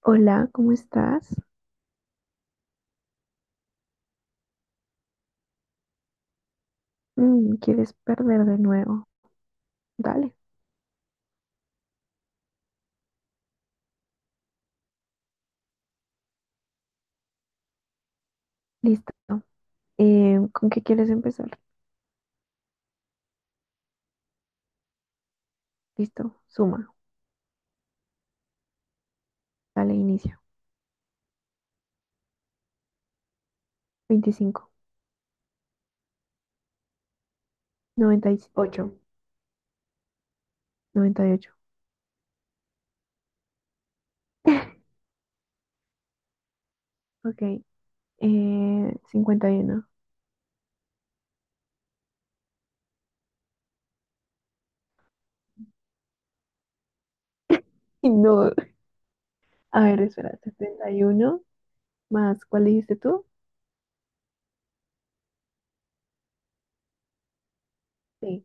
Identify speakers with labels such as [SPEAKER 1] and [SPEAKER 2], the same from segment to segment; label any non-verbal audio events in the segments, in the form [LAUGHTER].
[SPEAKER 1] Hola, ¿cómo estás? ¿Quieres perder de nuevo? Dale, listo. ¿Con qué quieres empezar? Listo, suma. Dale, inicia. 25, 98, 98. [LAUGHS] Ok, 51. [LAUGHS] No, a ver, espera, 71 más, ¿cuál dijiste tú? Sí.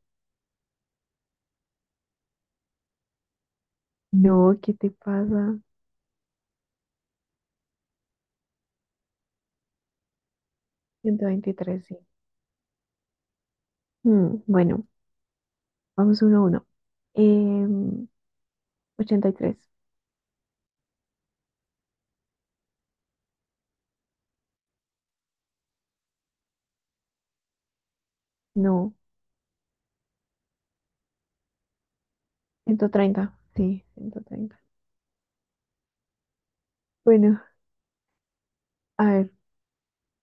[SPEAKER 1] No, ¿qué te pasa? 123, sí. Mm, bueno, vamos uno a uno. Em, 83. No. 130, sí, 130. Bueno, a ver,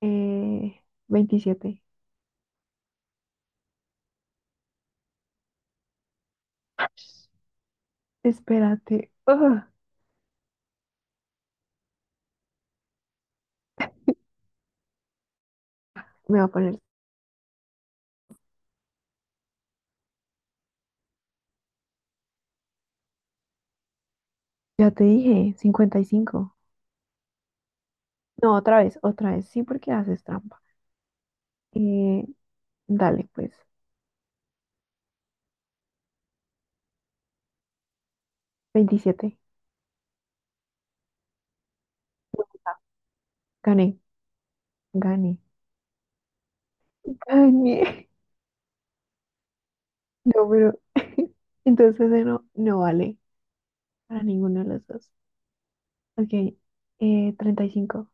[SPEAKER 1] eh, 27. Espérate. Me va a poner. Ya te dije, 55. No, otra vez, otra vez. Sí, porque haces trampa. Eh, Dale, pues. 27. Gané, gané. Gané. [LAUGHS] No, pero. [LAUGHS] Entonces ese no, no vale para ninguno de los dos. Ok, 35.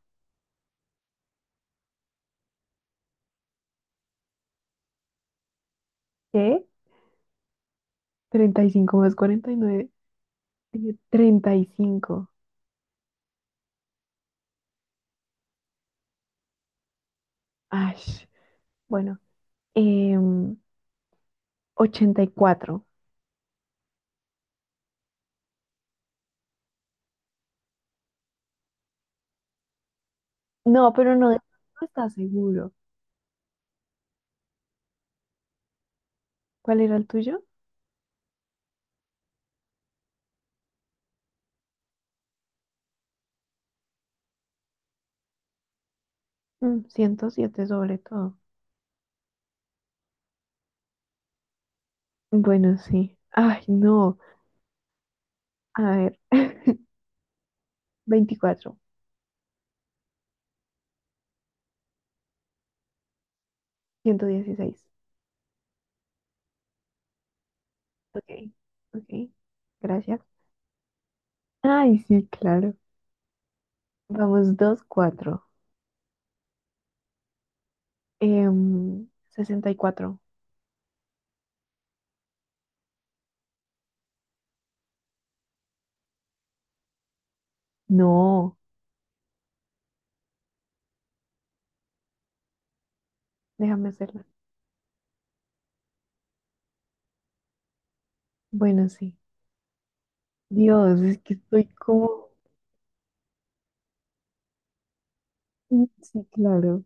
[SPEAKER 1] ¿Qué? 35 más 49. Dije 35. Ash. Bueno, em, 84. No, pero no está seguro. ¿Cuál era el tuyo? Mm, 107 sobre todo. Bueno, sí. Ay, no. A ver. [LAUGHS] 24. 116. Ok, ok. Gracias. Ay, sí, claro. Vamos, 2 cuatro. 64. No, déjame hacerla. Bueno, sí. Dios, es que estoy como. Sí, claro.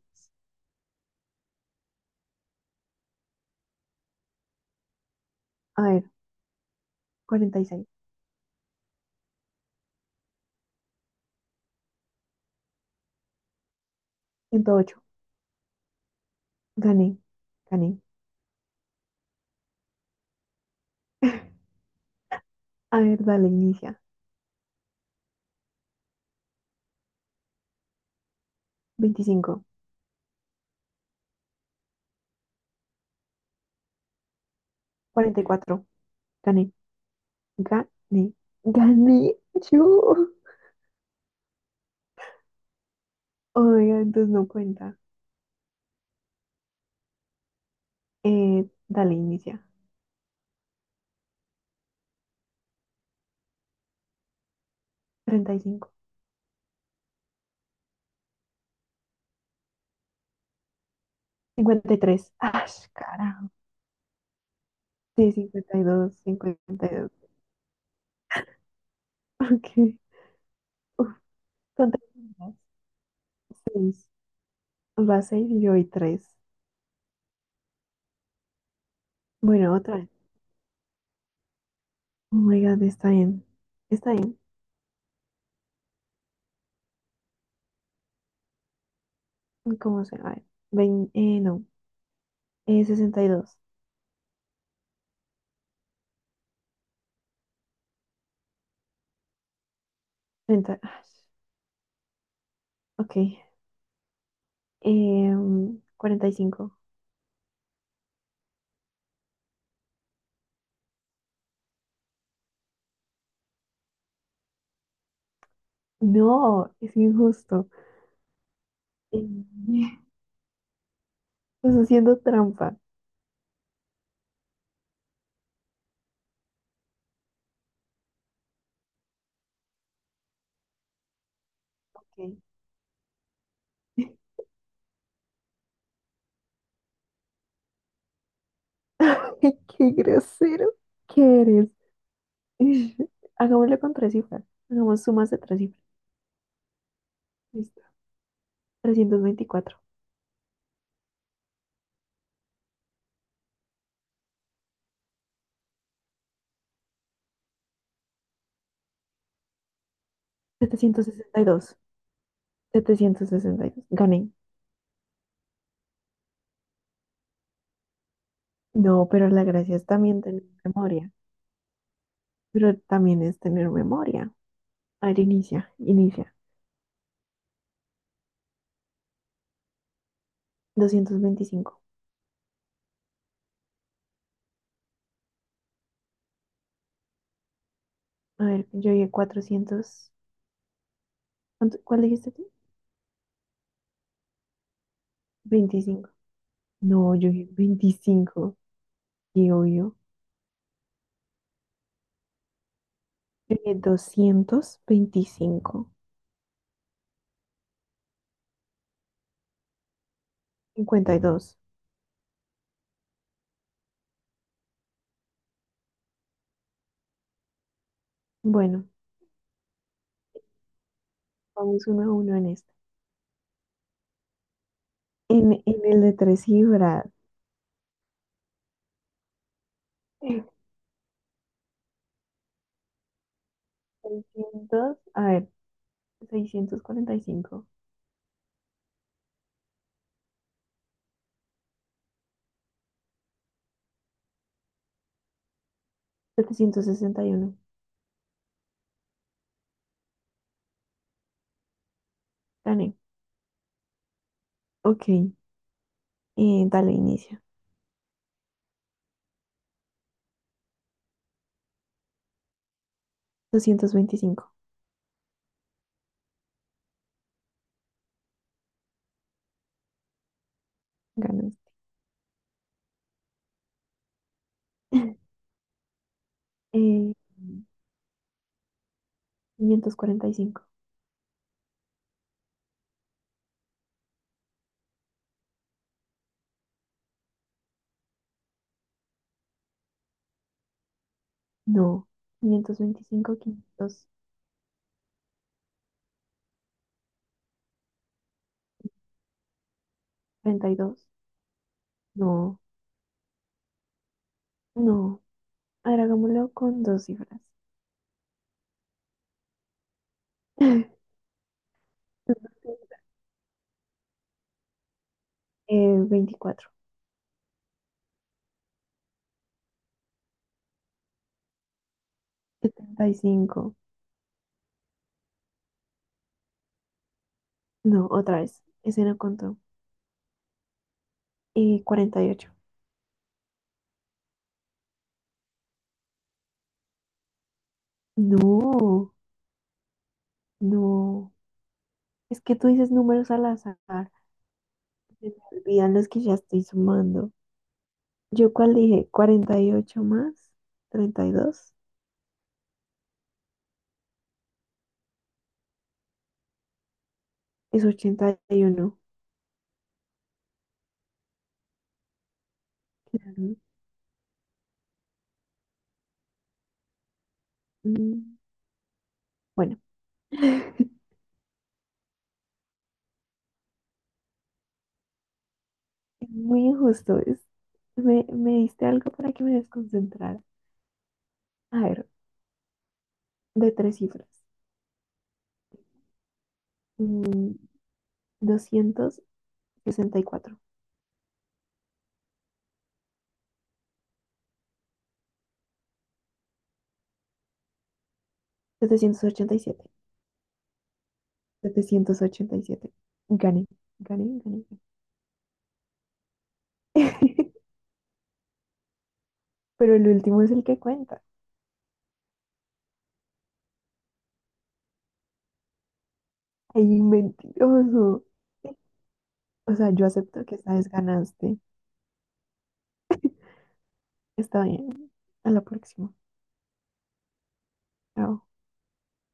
[SPEAKER 1] A ver, 46. 108. Gané, gané. A ver, dale, inicia. 25, 44. Gané, gané, gané yo. Oiga, entonces no cuenta. Dale, inicia. 35, 53. ¡Ah, carajo! Sí, 52, 52. Ok. Uf, son tres rondas. Seis. Vas seis y yo voy tres. Bueno, otra vez. Oh my God, está bien. Está bien. ¿Cómo se? A ver. No. 62, 30. Ah, ok. 45. No, es injusto. Em, [LAUGHS] Estás haciendo trampa. Ok. [LAUGHS] Qué grosero que eres. [LAUGHS] Hagámoslo con tres cifras. Hagamos sumas de tres cifras. Listo. 324, 762. 762. Gané. No, pero la gracia es también tener memoria. Pero también es tener memoria. A ver, inicia, inicia. 225. A ver, yo llegué 400. ¿Cuál dijiste tú? Veinticinco. No, yo dije 25. Y obvio. Yo dije 225. 52. Bueno, vamos uno a uno en este. En el de tres cifras. eh, 600. A ver, 645. 761. Gané. Ok. Dale, inicia. 225. Ganas. [LAUGHS] Eh, 545. No. 525, 532. No. No. A ver, hagámoslo con dos cifras. [LAUGHS] Entonces, 24, 75. No, otra vez. Ese no contó. 48. No, no. Es que tú dices números al azar. Se me olvidan los que ya estoy sumando. Yo cuál dije, 48 más 32 es 81. Claro. Mm, bueno, [LAUGHS] es muy injusto. Me diste algo para que me desconcentrara. A ver, de tres cifras. mm, 264, 787. 787. Gané, gané. Gané. [LAUGHS] Pero el último es el que cuenta. ¡Ay, mentiroso! O sea, yo acepto que esta vez ganaste. Está bien. A la próxima. Chao.